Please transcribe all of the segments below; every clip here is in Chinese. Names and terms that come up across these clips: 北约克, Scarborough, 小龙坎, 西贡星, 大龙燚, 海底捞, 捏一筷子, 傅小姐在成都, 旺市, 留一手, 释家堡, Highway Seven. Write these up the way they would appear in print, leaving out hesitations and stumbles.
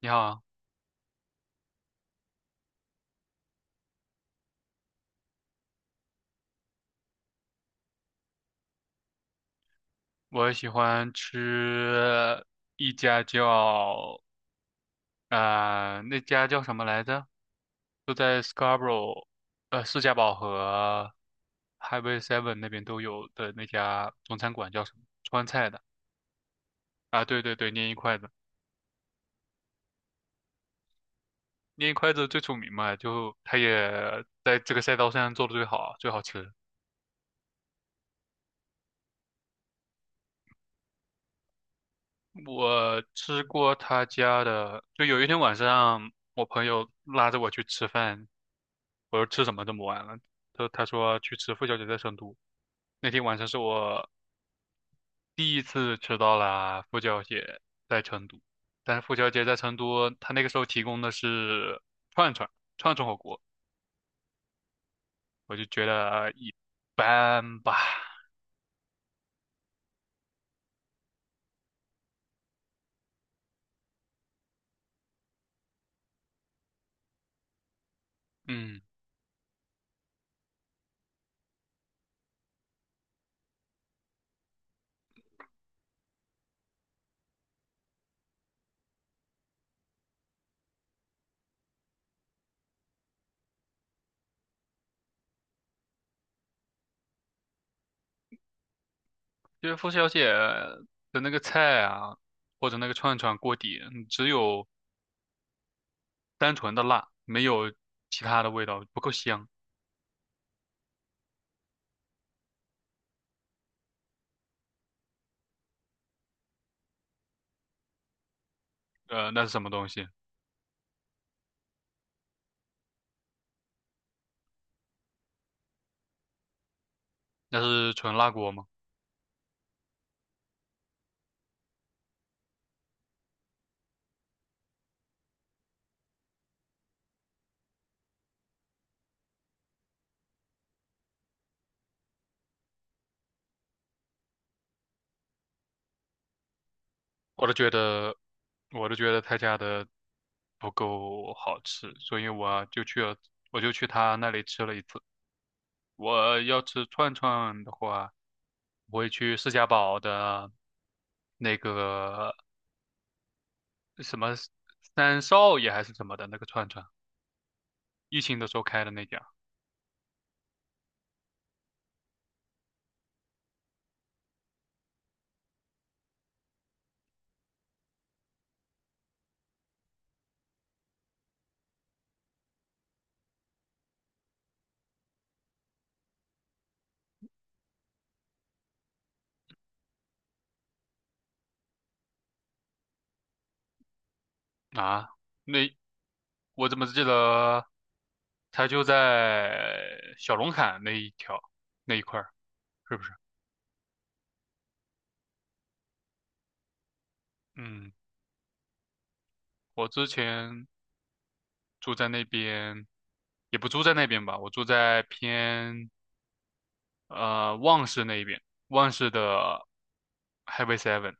你好，我喜欢吃一家叫那家叫什么来着？就在 Scarborough，士嘉堡和 Highway Seven 那边都有的那家中餐馆叫什么？川菜的。啊，对对对，捏一筷子，捏一筷子最出名嘛，就它也在这个赛道上做的最好，最好吃。我吃过他家的，就有一天晚上，我朋友拉着我去吃饭，我说吃什么这么晚了？他说去吃傅小姐在成都。那天晚上是我第一次吃到了傅小姐在成都，但是傅小姐在成都，她那个时候提供的是串串串串火锅，我就觉得一般吧。嗯，就是傅小姐的那个菜啊，或者那个串串锅底，嗯只有单纯的辣，没有其他的味道，不够香。那是什么东西？那是纯辣锅吗？我都觉得，我都觉得他家的不够好吃，所以我就去了，我就去他那里吃了一次。我要吃串串的话，我会去释家堡的那个什么三少爷还是什么的那个串串，疫情的时候开的那家。啊，那我怎么记得？它就在小龙坎那一条那一块儿，是不是？嗯，我之前住在那边，也不住在那边吧，我住在偏旺市那一边，旺市的 HIGHY Seven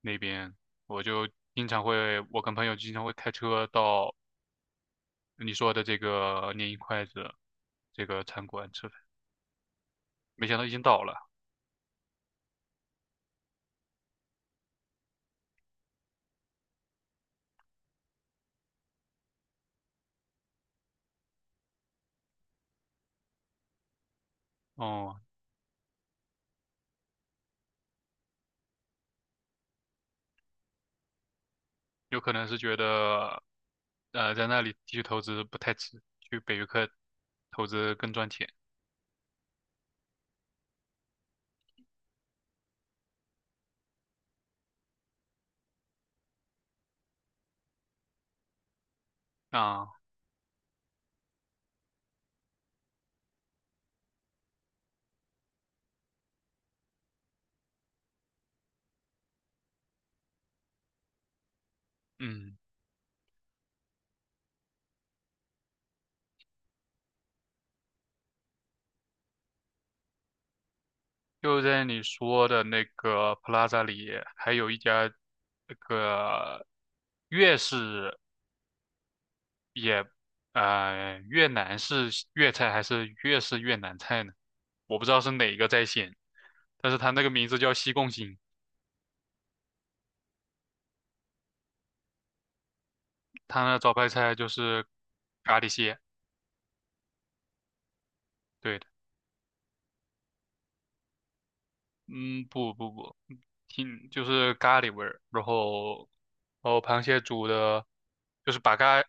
那边，我就经常会，我跟朋友经常会开车到你说的这个年一筷子这个餐馆吃饭，没想到已经倒了。哦，有可能是觉得在那里继续投资不太值，去北约克投资更赚钱。啊，嗯，就在你说的那个 Plaza 里，还有一家那个粤式也，呃，越南式粤菜还是粤式越南菜呢？我不知道是哪个在先，但是它那个名字叫西贡星，它那招牌菜就是咖喱蟹。对，的。嗯，不不不，挺就是咖喱味儿，然后螃蟹煮的，就是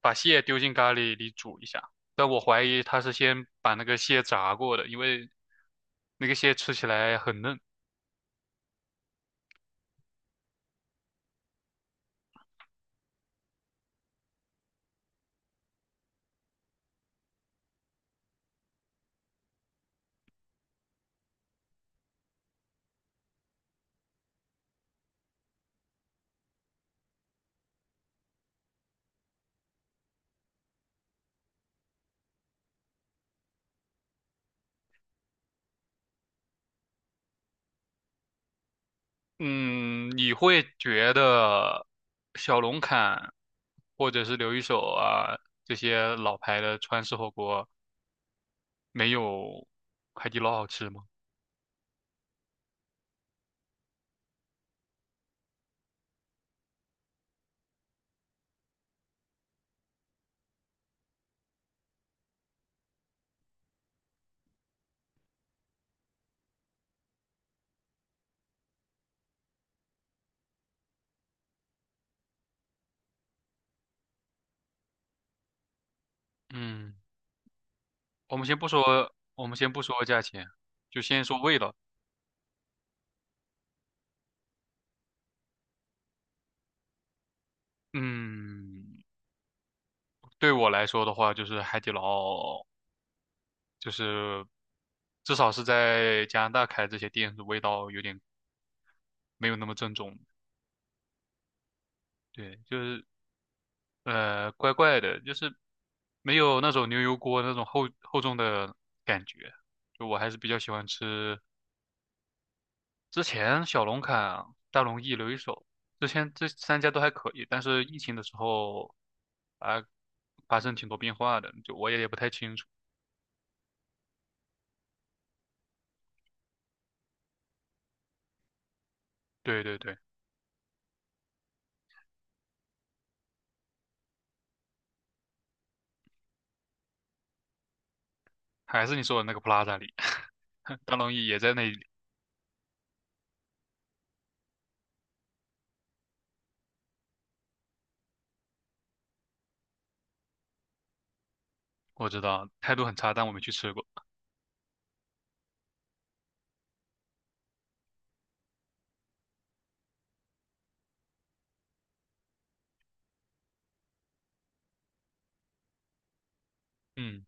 把蟹丢进咖喱里煮一下，但我怀疑他是先把那个蟹炸过的，因为那个蟹吃起来很嫩。嗯，你会觉得小龙坎或者是刘一手啊这些老牌的川式火锅没有海底捞好吃吗？嗯。我们先不说，我们先不说价钱，就先说味道。嗯，对我来说的话，就是海底捞，就是至少是在加拿大开这些店，味道有点没有那么正宗。对，就是怪怪的，就是没有那种牛油锅那种厚厚重的感觉。就我还是比较喜欢吃之前小龙坎、大龙燚、留一手，之前这三家都还可以，但是疫情的时候啊，发生挺多变化的，就我也不太清楚。对对对，还是你说的那个 Plaza 里，大龙燚也在那里，我知道态度很差，但我没去吃过。嗯，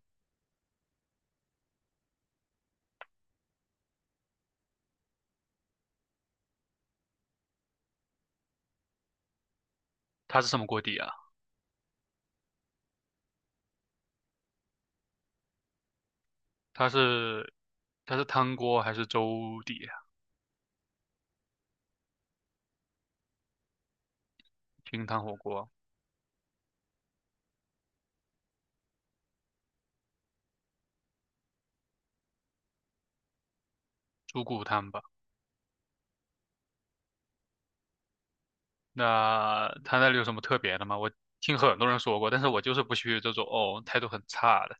它是什么锅底啊？它是它是汤锅还是粥底啊？清汤火锅，猪骨汤吧？那它那里有什么特别的吗？我听很多人说过，但是我就是不去这种哦态度很差的。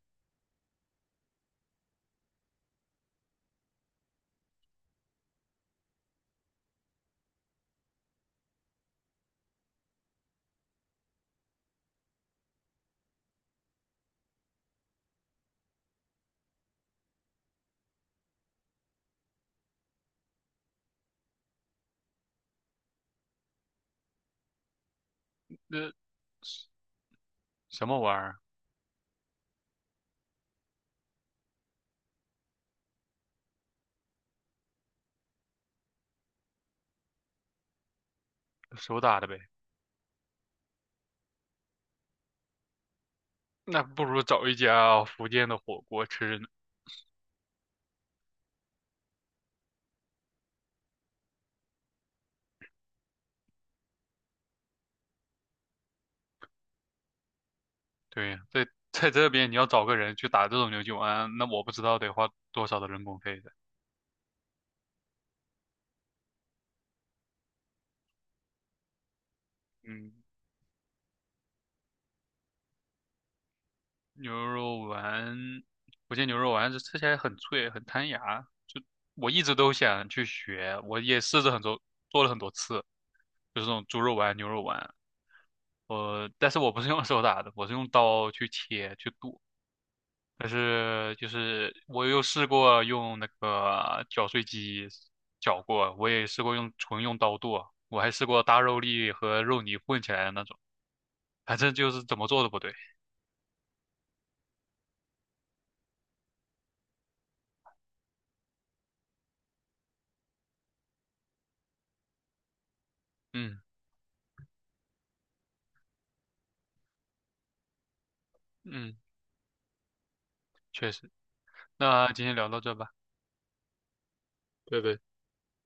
呃什么玩意儿，手打的呗。那不如找一家福建的火锅吃呢。对，在这边你要找个人去打这种牛筋丸，那我不知道得花多少的人工费的。嗯，牛肉丸，福建牛肉丸是吃起来很脆，很弹牙。我一直都想去学，我也试着很多做了很多次，就是这种猪肉丸、牛肉丸。呃，但是我不是用手打的，我是用刀去切去剁。但是就是我又试过用那个绞碎机绞过，我也试过用纯用刀剁，我还试过大肉粒和肉泥混起来的那种，反正就是怎么做都不对。嗯嗯，确实。那今天聊到这吧，拜拜。